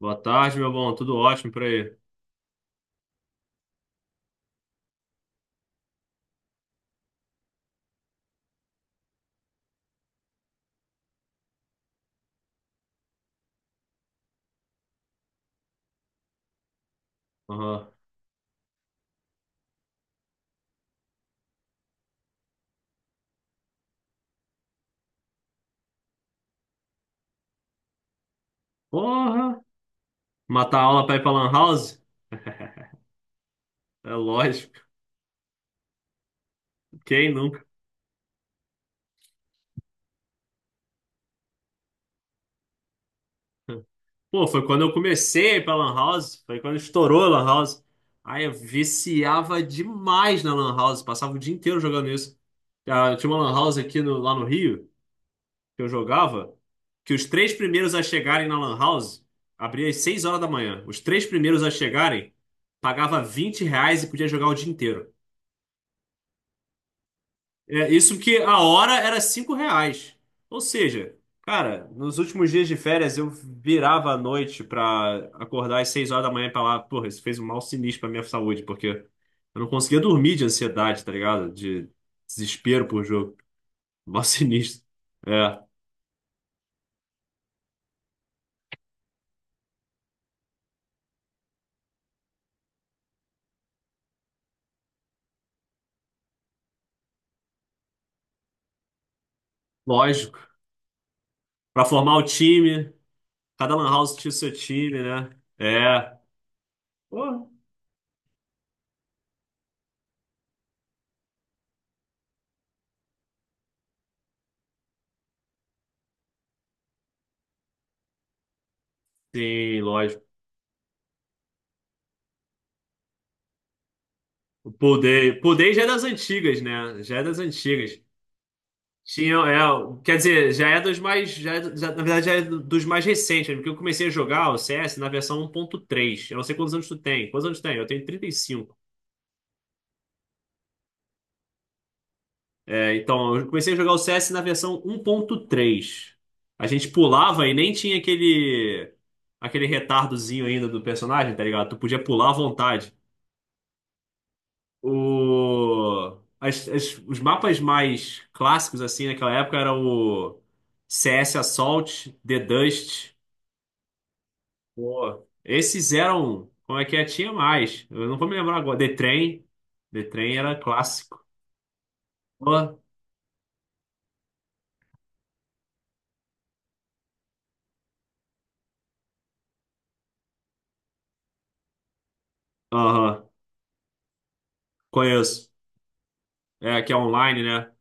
Boa tarde, meu bom. Tudo ótimo por aí. Aham. Porra! Matar a aula pra ir pra Lan House? É lógico. Quem nunca? Pô, foi quando eu comecei a ir pra Lan House. Foi quando estourou a Lan House. Aí eu viciava demais na Lan House. Passava o dia inteiro jogando isso. Ah, tinha uma Lan House aqui no- lá no Rio, que eu jogava, que os três primeiros a chegarem na Lan House, abria às 6 horas da manhã. Os três primeiros a chegarem, pagava R$ 20 e podia jogar o dia inteiro. É, isso que a hora era R$ 5. Ou seja, cara, nos últimos dias de férias eu virava à noite pra acordar às 6 horas da manhã e falar, porra, isso fez um mal sinistro pra minha saúde, porque eu não conseguia dormir de ansiedade, tá ligado? De desespero por jogo. Mal sinistro. É, lógico. Pra formar o time, cada lan house tinha o seu time, né? É. Porra. Sim, lógico. O Pool Day. Pool Day já é das antigas, né? Já é das antigas. Tinha, quer dizer, já é dos mais, já, é do- já- na verdade dos mais recentes, né? Porque eu comecei a jogar o CS na versão 1.3. Eu não sei quantos anos tu tem. Quantos anos tu tem? Eu tenho 35. É, então, eu comecei a jogar o CS na versão um ponto três. A gente pulava e nem tinha aquele retardozinho ainda do personagem, tá ligado? Tu podia pular à vontade. Os mapas mais clássicos assim naquela época era o CS Assault, The Dust, pô, esse zero um, como é que é? Tinha mais. Eu não vou me lembrar agora. The Train. The Train era clássico. Pô, aham, conheço. É, que é online, né?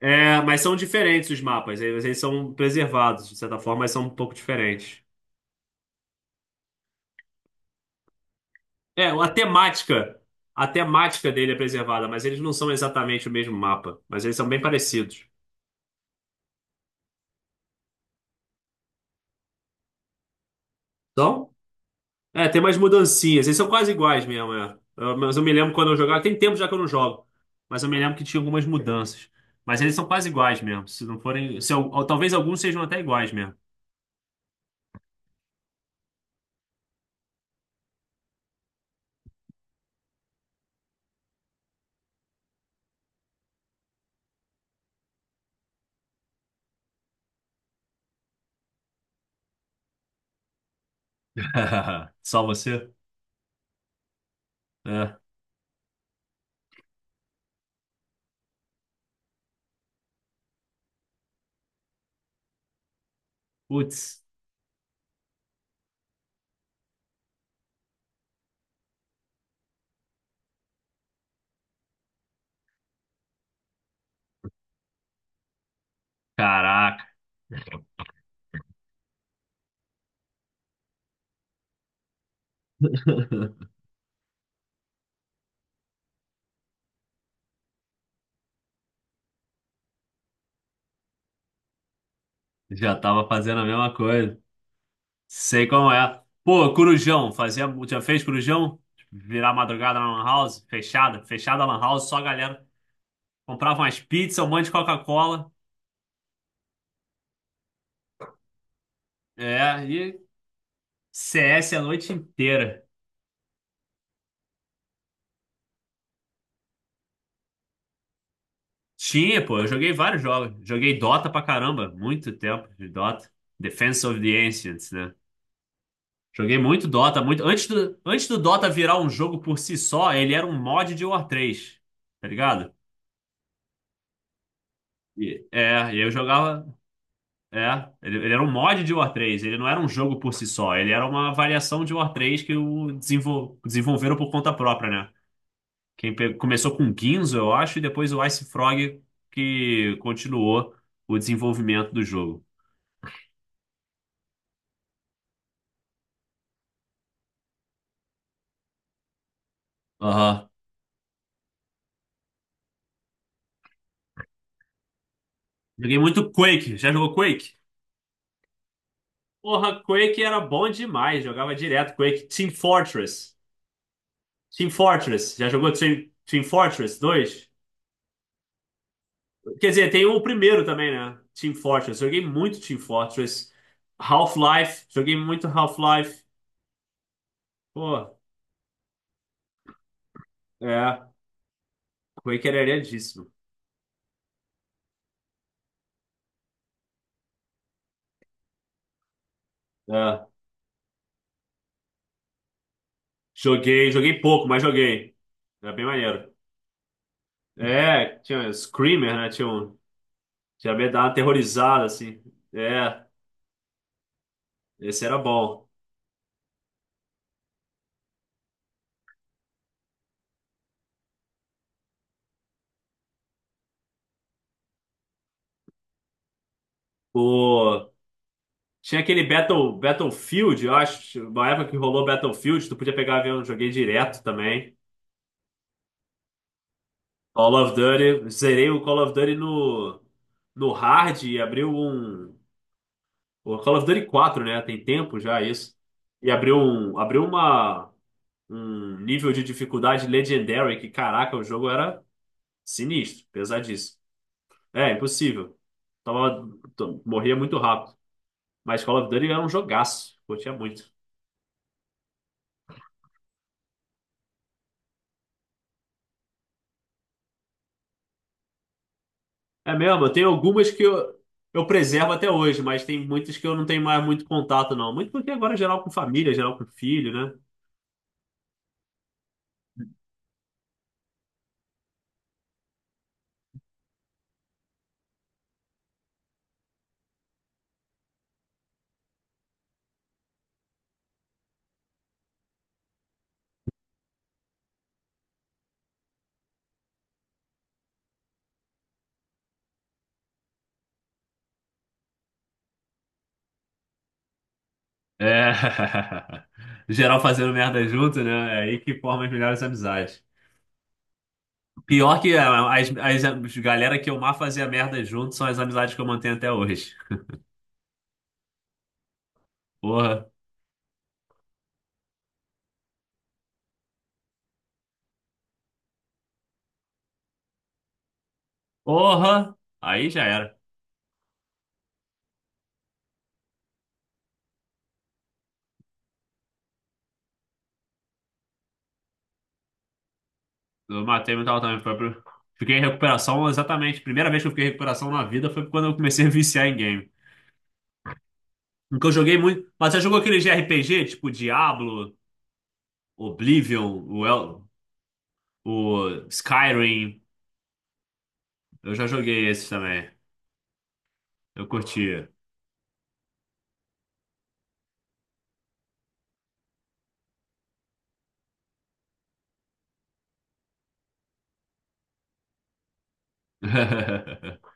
É, mas são diferentes os mapas. Eles são preservados, de certa forma, mas são um pouco diferentes. É, a temática. A temática dele é preservada, mas eles não são exatamente o mesmo mapa. Mas eles são bem parecidos. São? É, tem mais mudancinhas. Eles são quase iguais mesmo, é. Mas eu me lembro quando eu jogava. Tem tempo já que eu não jogo. Mas eu me lembro que tinha algumas mudanças. Mas eles são quase iguais mesmo. Se não forem. Se, eu- Ou talvez alguns sejam até iguais mesmo. Só você? É. Putz, caraca, já tava fazendo a mesma coisa. Sei como é. Pô, Corujão, fazia, já fez Corujão? Virar madrugada na Lan House, fechada, fechada a Lan House, só a galera comprava umas pizzas, um monte de Coca-Cola. É, e CS a noite inteira. Tinha, pô, eu joguei vários jogos. Joguei Dota pra caramba, muito tempo de Dota. Defense of the Ancients, né? Joguei muito Dota, muito. Antes do Dota virar um jogo por si só, ele era um mod de War 3, tá ligado? E eu jogava. É, ele era um mod de War 3, ele não era um jogo por si só, ele era uma variação de War 3 que o desenvolveram por conta própria, né? Quem começou com Guinsoo, eu acho, e depois o Ice Frog que continuou o desenvolvimento do jogo. Aham. Joguei muito Quake. Já jogou Quake? Porra, Quake era bom demais. Jogava direto Quake. Team Fortress. Team Fortress. Já jogou Team Fortress dois? Quer dizer, tem o primeiro também, né? Team Fortress. Joguei muito Team Fortress. Half-Life. Joguei muito Half-Life. Pô, é. Quake era iradíssimo. É. Joguei pouco, mas joguei. Era bem maneiro. É, tinha um Screamer, né? Tinha um. Já me dava uma aterrorizada, assim. É, esse era bom. O Tinha aquele Battlefield, eu acho, uma época que rolou Battlefield, tu podia pegar avião, joguei direto também. Call of Duty, zerei o Call of Duty no hard e abriu um. O Call of Duty quatro, né? Tem tempo já isso. E abriu um, abriu uma, um nível de dificuldade Legendary, que caraca, o jogo era sinistro, pesadíssimo. É, impossível. Tava, Morria muito rápido. Mas Call of Duty era um jogaço, curtia muito. É mesmo, tem algumas que eu preservo até hoje, mas tem muitas que eu não tenho mais muito contato, não. Muito porque agora é geral com família, geral com filho, né? É. Geral fazendo merda junto, né? É aí que forma as melhores amizades. Pior que ah, as galera que eu mais fazia merda junto são as amizades que eu mantenho até hoje. Porra. Porra! Aí já era. Eu matei mental também. Foi pro. Fiquei em recuperação exatamente. Primeira vez que eu fiquei em recuperação na vida foi quando eu comecei a viciar em game. Porque eu joguei muito. Mas você jogou aquele de RPG, tipo Diablo, Oblivion, o Skyrim? Eu já joguei esses também. Eu curtia.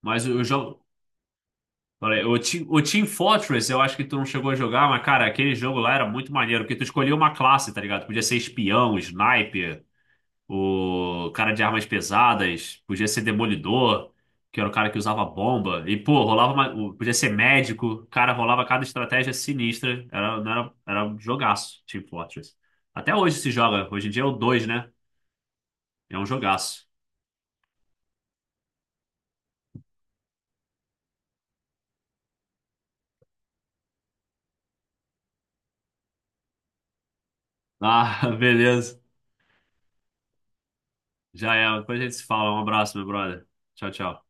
Mas o jogo. Olha, o Team Fortress, eu acho que tu não chegou a jogar, mas, cara, aquele jogo lá era muito maneiro, porque tu escolhia uma classe, tá ligado? Podia ser espião, sniper. O cara de armas pesadas, podia ser demolidor, que era o cara que usava bomba. E, pô, podia ser médico, cara, rolava cada estratégia sinistra. Era, não era, era um jogaço, Team Fortress. Até hoje se joga, hoje em dia é o 2, né? É um jogaço. Ah, beleza. Já é, depois a gente se fala. Um abraço, meu brother. Tchau, tchau.